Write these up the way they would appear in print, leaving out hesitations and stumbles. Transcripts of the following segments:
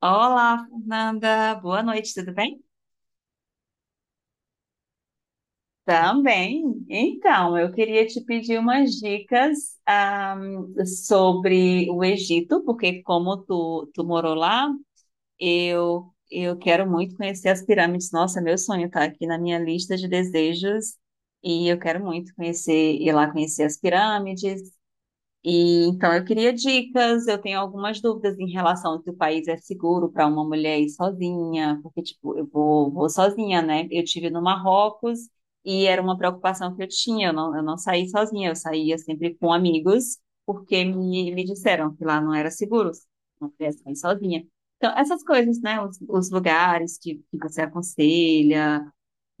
Olá, Fernanda. Boa noite, tudo bem? Também. Então, eu queria te pedir umas dicas, sobre o Egito, porque como tu morou lá, eu quero muito conhecer as pirâmides. Nossa, meu sonho tá aqui na minha lista de desejos e eu quero muito conhecer, ir lá conhecer as pirâmides. E então eu queria dicas, eu tenho algumas dúvidas em relação ao se o país é seguro para uma mulher ir sozinha, porque tipo, eu vou sozinha, né? Eu tive no Marrocos e era uma preocupação que eu tinha, eu não saí sozinha, eu saía sempre com amigos, porque me disseram que lá não era seguro, não podia sair sozinha. Então, essas coisas, né? Os lugares que você aconselha,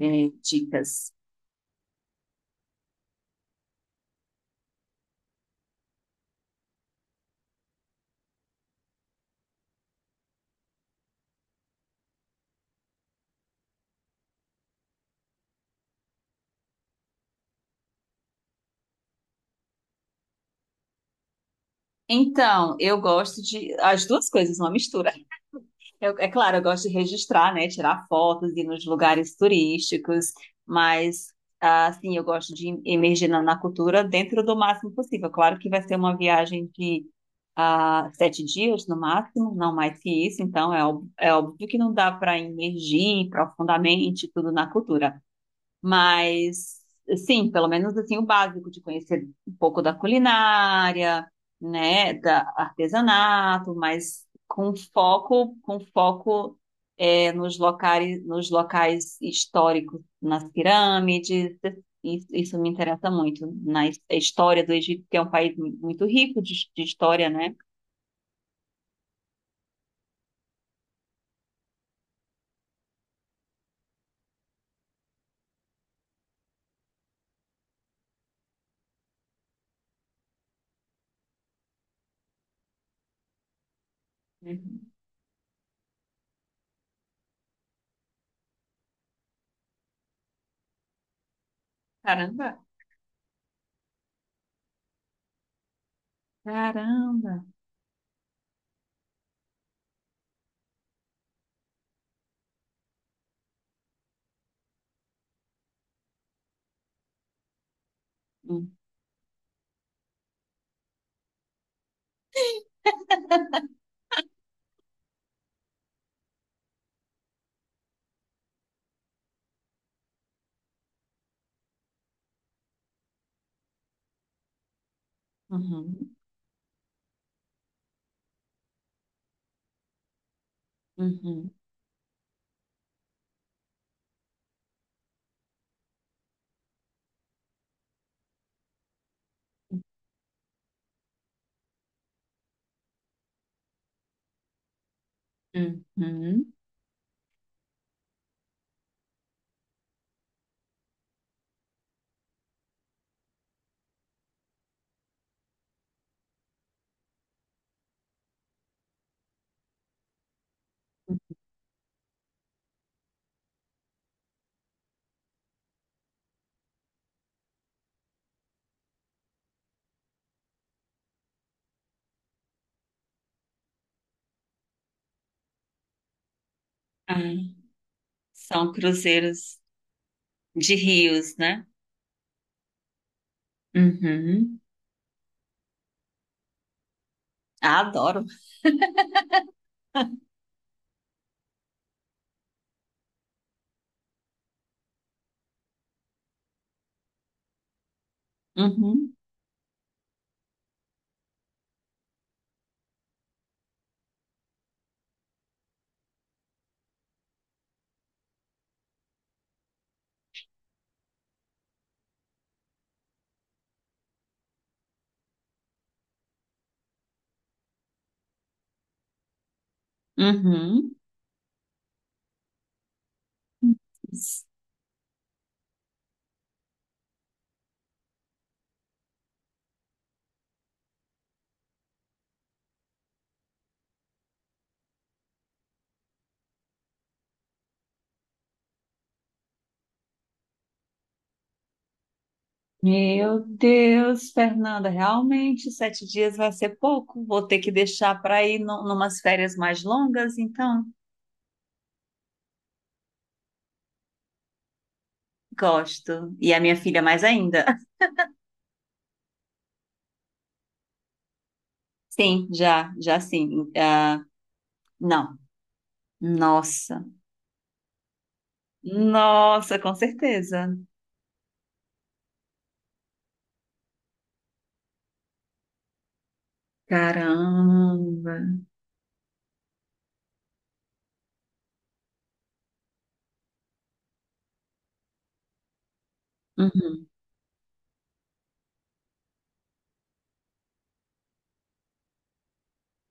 dicas. Então, eu gosto de as duas coisas, uma mistura. É claro, eu gosto de registrar, né? Tirar fotos, ir nos lugares turísticos, mas assim, eu gosto de emergir na cultura dentro do máximo possível. Claro que vai ser uma viagem de 7 dias no máximo, não mais que isso, então é óbvio que não dá para imergir profundamente tudo na cultura. Mas, sim, pelo menos assim o básico de conhecer um pouco da culinária, né, da artesanato, mas com foco, com foco nos locais históricos, nas pirâmides. Isso me interessa muito, a história do Egito, que é um país muito rico de história, né? Uhum. Caramba, caramba. Hum. Uhum, uhum, uhum, uhum. São cruzeiros de rios, né? Uhum. Ah, adoro. Uhum. Uhum. Meu Deus, Fernanda, realmente 7 dias vai ser pouco. Vou ter que deixar para ir numas férias mais longas, então gosto. E a minha filha mais ainda. Sim, já, já sim. Ah, não. Nossa, nossa, com certeza. Caramba. Uhum.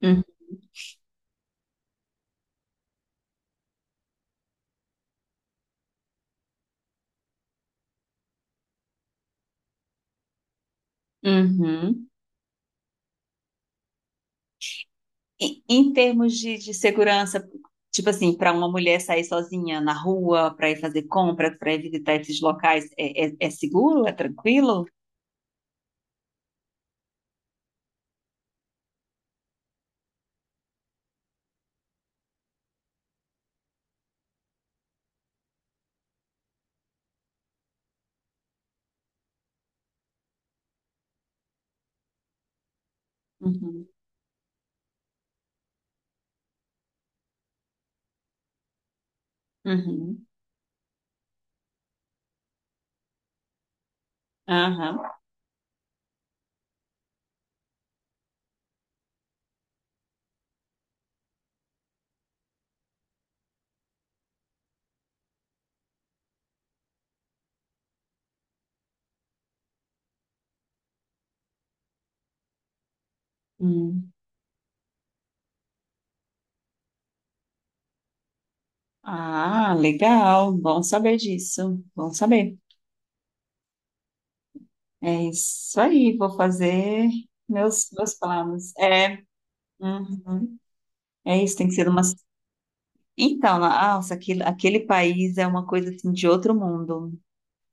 Uhum. Uhum. Em termos de segurança, tipo assim, para uma mulher sair sozinha na rua, para ir fazer compra, para ir visitar esses locais, é seguro? É tranquilo? Uhum, uhum, aham, hum. Ah, legal. Bom saber disso. Bom saber. É isso aí, vou fazer meus planos. É, uhum. É isso, tem que ser uma. Então, nossa, aquele país é uma coisa assim de outro mundo.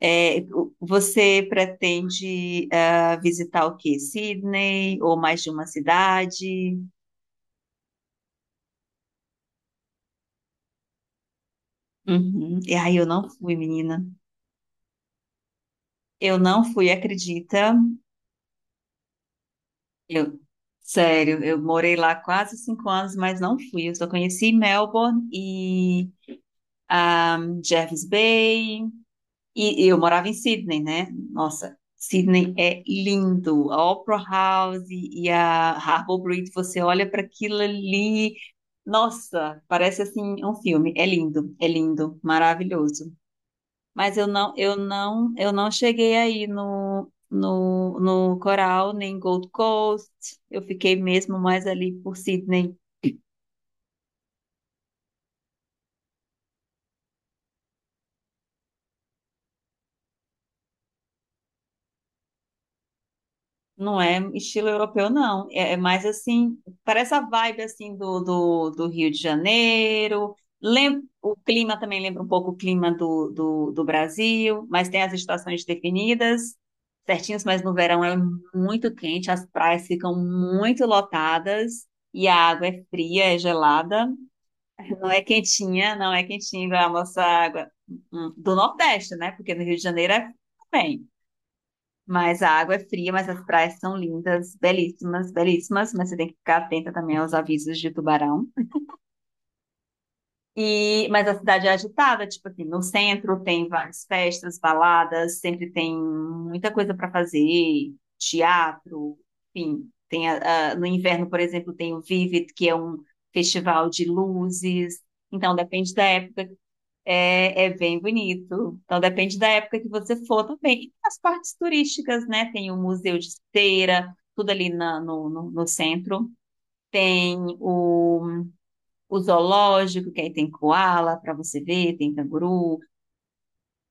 Você pretende visitar o quê? Sydney ou mais de uma cidade? Uhum. E aí eu não fui, menina. Eu não fui, acredita? Eu, sério, eu morei lá quase 5 anos, mas não fui. Eu só conheci Melbourne e ah, Jervis Bay. E eu morava em Sydney, né? Nossa, Sydney é lindo. A Opera House e a Harbour Bridge, você olha para aquilo ali. Nossa, parece assim um filme. É lindo, maravilhoso. Mas eu não cheguei aí no Coral nem em Gold Coast. Eu fiquei mesmo mais ali por Sydney. Não é estilo europeu, não. É, é mais assim, parece a vibe assim do Rio de Janeiro. Lem o clima também lembra um pouco o clima do Brasil, mas tem as estações definidas, certinhos, mas no verão é muito quente, as praias ficam muito lotadas e a água é fria, é gelada. Não é quentinha, não é quentinha igual a nossa água do Nordeste, né? Porque no Rio de Janeiro é bem. Mas a água é fria, mas as praias são lindas, belíssimas, belíssimas, mas você tem que ficar atenta também aos avisos de tubarão. E, mas a cidade é agitada, tipo assim, no centro tem várias festas, baladas, sempre tem muita coisa para fazer, teatro, enfim. Tem no inverno, por exemplo, tem o Vivid, que é um festival de luzes. Então, depende da época é, é bem bonito. Então depende da época que você for também. E tem as partes turísticas, né? Tem o Museu de Esteira, tudo ali no centro. Tem o zoológico, que aí tem coala para você ver, tem canguru,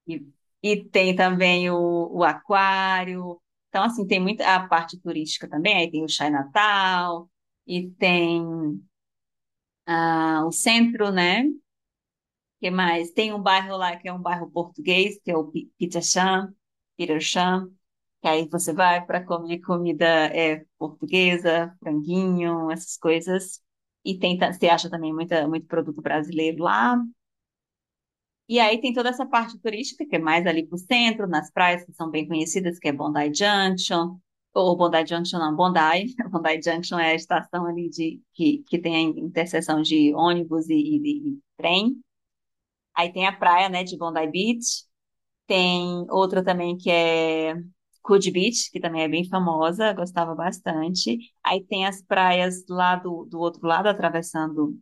e, e tem também o aquário. Então, assim, tem muita a parte turística também, aí tem o Chinatown, e tem o centro, né? Que mais? Tem um bairro lá que é um bairro português, que é o Pichachã, Pirachã, que aí você vai para comer comida portuguesa, franguinho, essas coisas. E tem, você acha também muito produto brasileiro lá. E aí tem toda essa parte turística, que é mais ali pro centro, nas praias que são bem conhecidas, que é Bondi Junction, ou Bondi Junction não, Bondi. Bondi Junction é a estação ali de, que tem a interseção de ônibus e e trem. Aí tem a praia, né, de Bondi Beach. Tem outra também que é Coogee Beach, que também é bem famosa, gostava bastante. Aí tem as praias lá do outro lado,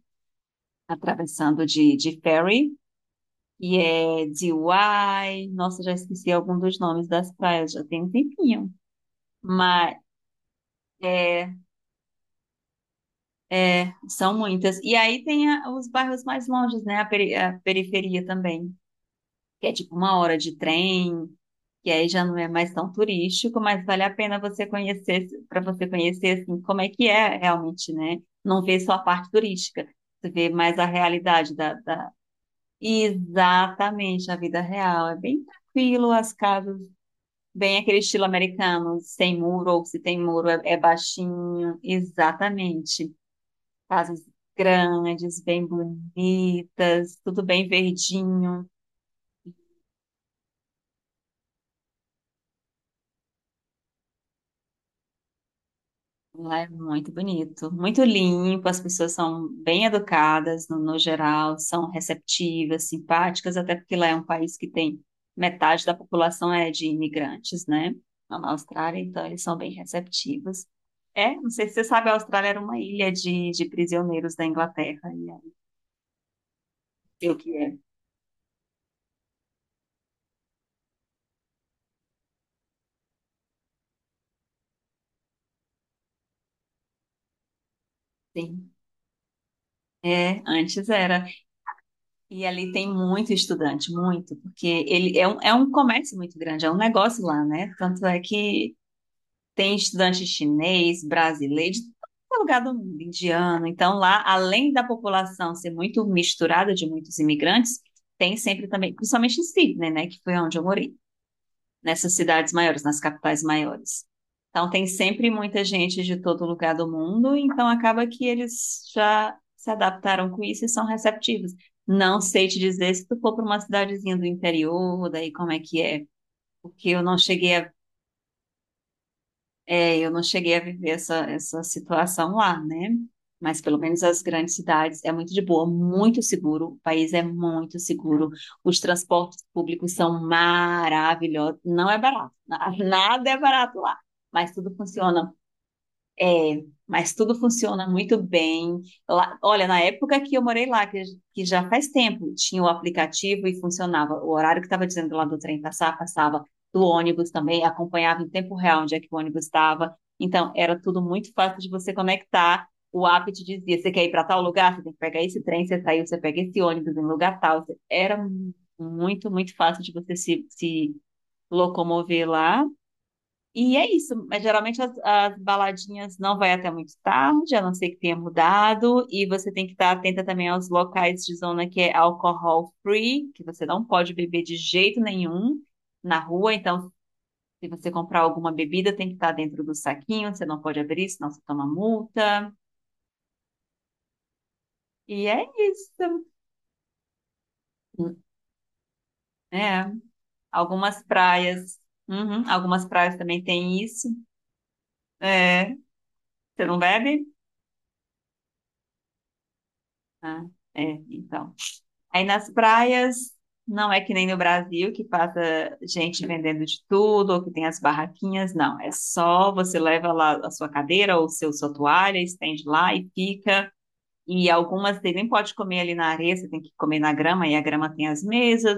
atravessando de ferry, e é Dewey. Nossa, já esqueci algum dos nomes das praias, já tem um tempinho. Mas é, são muitas. E aí tem os bairros mais longes, né? A a periferia também, que é tipo 1 hora de trem, que aí já não é mais tão turístico, mas vale a pena você conhecer, para você conhecer assim, como é que é realmente, né? Não ver só a parte turística, você vê mais a realidade da... Exatamente, a vida real. É bem tranquilo, as casas, bem aquele estilo americano, sem muro, ou se tem muro é baixinho. Exatamente. Casas grandes, bem bonitas, tudo bem verdinho. Lá é muito bonito, muito limpo, as pessoas são bem educadas no geral, são receptivas, simpáticas, até porque lá é um país que tem metade da população é de imigrantes, né? Lá na Austrália, então eles são bem receptivos. É, não sei se você sabe, a Austrália era uma ilha de prisioneiros da Inglaterra, e aí, eu que é. Sim. É, antes era. E ali tem muito estudante, muito, porque ele é é um comércio muito grande, é um negócio lá, né? Tanto é que tem estudante chinês, brasileiro, de todo lugar do mundo, indiano. Então, lá, além da população ser muito misturada de muitos imigrantes, tem sempre também, principalmente em Sydney, né, que foi onde eu morei, nessas cidades maiores, nas capitais maiores. Então, tem sempre muita gente de todo lugar do mundo, então acaba que eles já se adaptaram com isso e são receptivos. Não sei te dizer se tu for para uma cidadezinha do interior, daí como é que é, porque eu não cheguei a eu não cheguei a viver essa situação lá, né? Mas pelo menos as grandes cidades é muito de boa, muito seguro. O país é muito seguro. Os transportes públicos são maravilhosos. Não é barato, nada é barato lá, mas tudo funciona, mas tudo funciona muito bem. Olha, na época que eu morei lá, que já faz tempo, tinha o aplicativo e funcionava. O horário que estava dizendo lá do trem passar, passava do ônibus também, acompanhava em tempo real onde é que o ônibus estava. Então, era tudo muito fácil de você conectar. O app te dizia, você quer ir para tal lugar, você tem que pegar esse trem, você saiu, você pega esse ônibus em lugar tal. Era muito, muito fácil de você se locomover lá. E é isso, mas geralmente as baladinhas não vai até muito tarde, a não ser que tenha mudado, e você tem que estar atenta também aos locais de zona que é alcohol free, que você não pode beber de jeito nenhum na rua, então se você comprar alguma bebida tem que estar dentro do saquinho, você não pode abrir, senão você toma multa. E é isso. É, algumas praias, uhum, algumas praias também tem isso. É, você não bebe? Ah, é, então. Aí nas praias, não é que nem no Brasil, que passa gente vendendo de tudo, ou que tem as barraquinhas, não. É só você leva lá a sua cadeira ou sua toalha, estende lá e fica. E algumas você nem pode comer ali na areia, você tem que comer na grama, e a grama tem as mesas.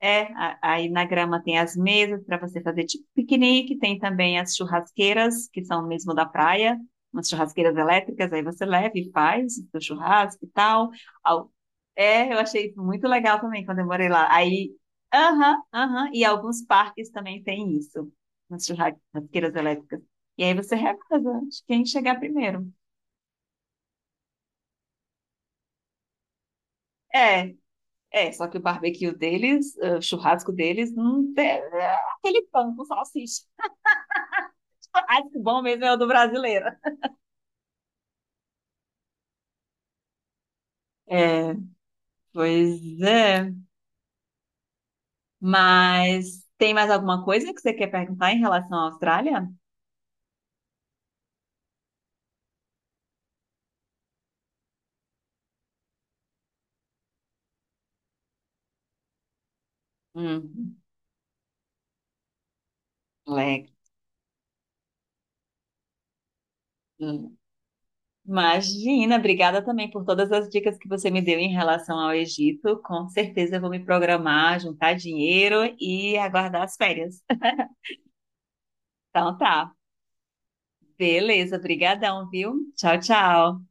É, aí na grama tem as mesas para você fazer tipo piquenique, tem também as churrasqueiras, que são mesmo da praia, umas churrasqueiras elétricas, aí você leva e faz o seu churrasco e tal. Al- É, eu achei isso muito legal também quando eu morei lá. Aí, aham, aham, e alguns parques também tem isso, umas churrasqueiras elétricas. E aí você reveza de quem chegar primeiro. É, é, só que o barbecue deles, o churrasco deles, não tem, é aquele pão com salsicha. Ai, que bom mesmo é o do brasileiro. É, pois é. Mas tem mais alguma coisa que você quer perguntar em relação à Austrália? Hum, legal. Hum. Imagina, obrigada também por todas as dicas que você me deu em relação ao Egito. Com certeza eu vou me programar, juntar dinheiro e aguardar as férias. Então tá. Beleza, brigadão, viu? Tchau, tchau.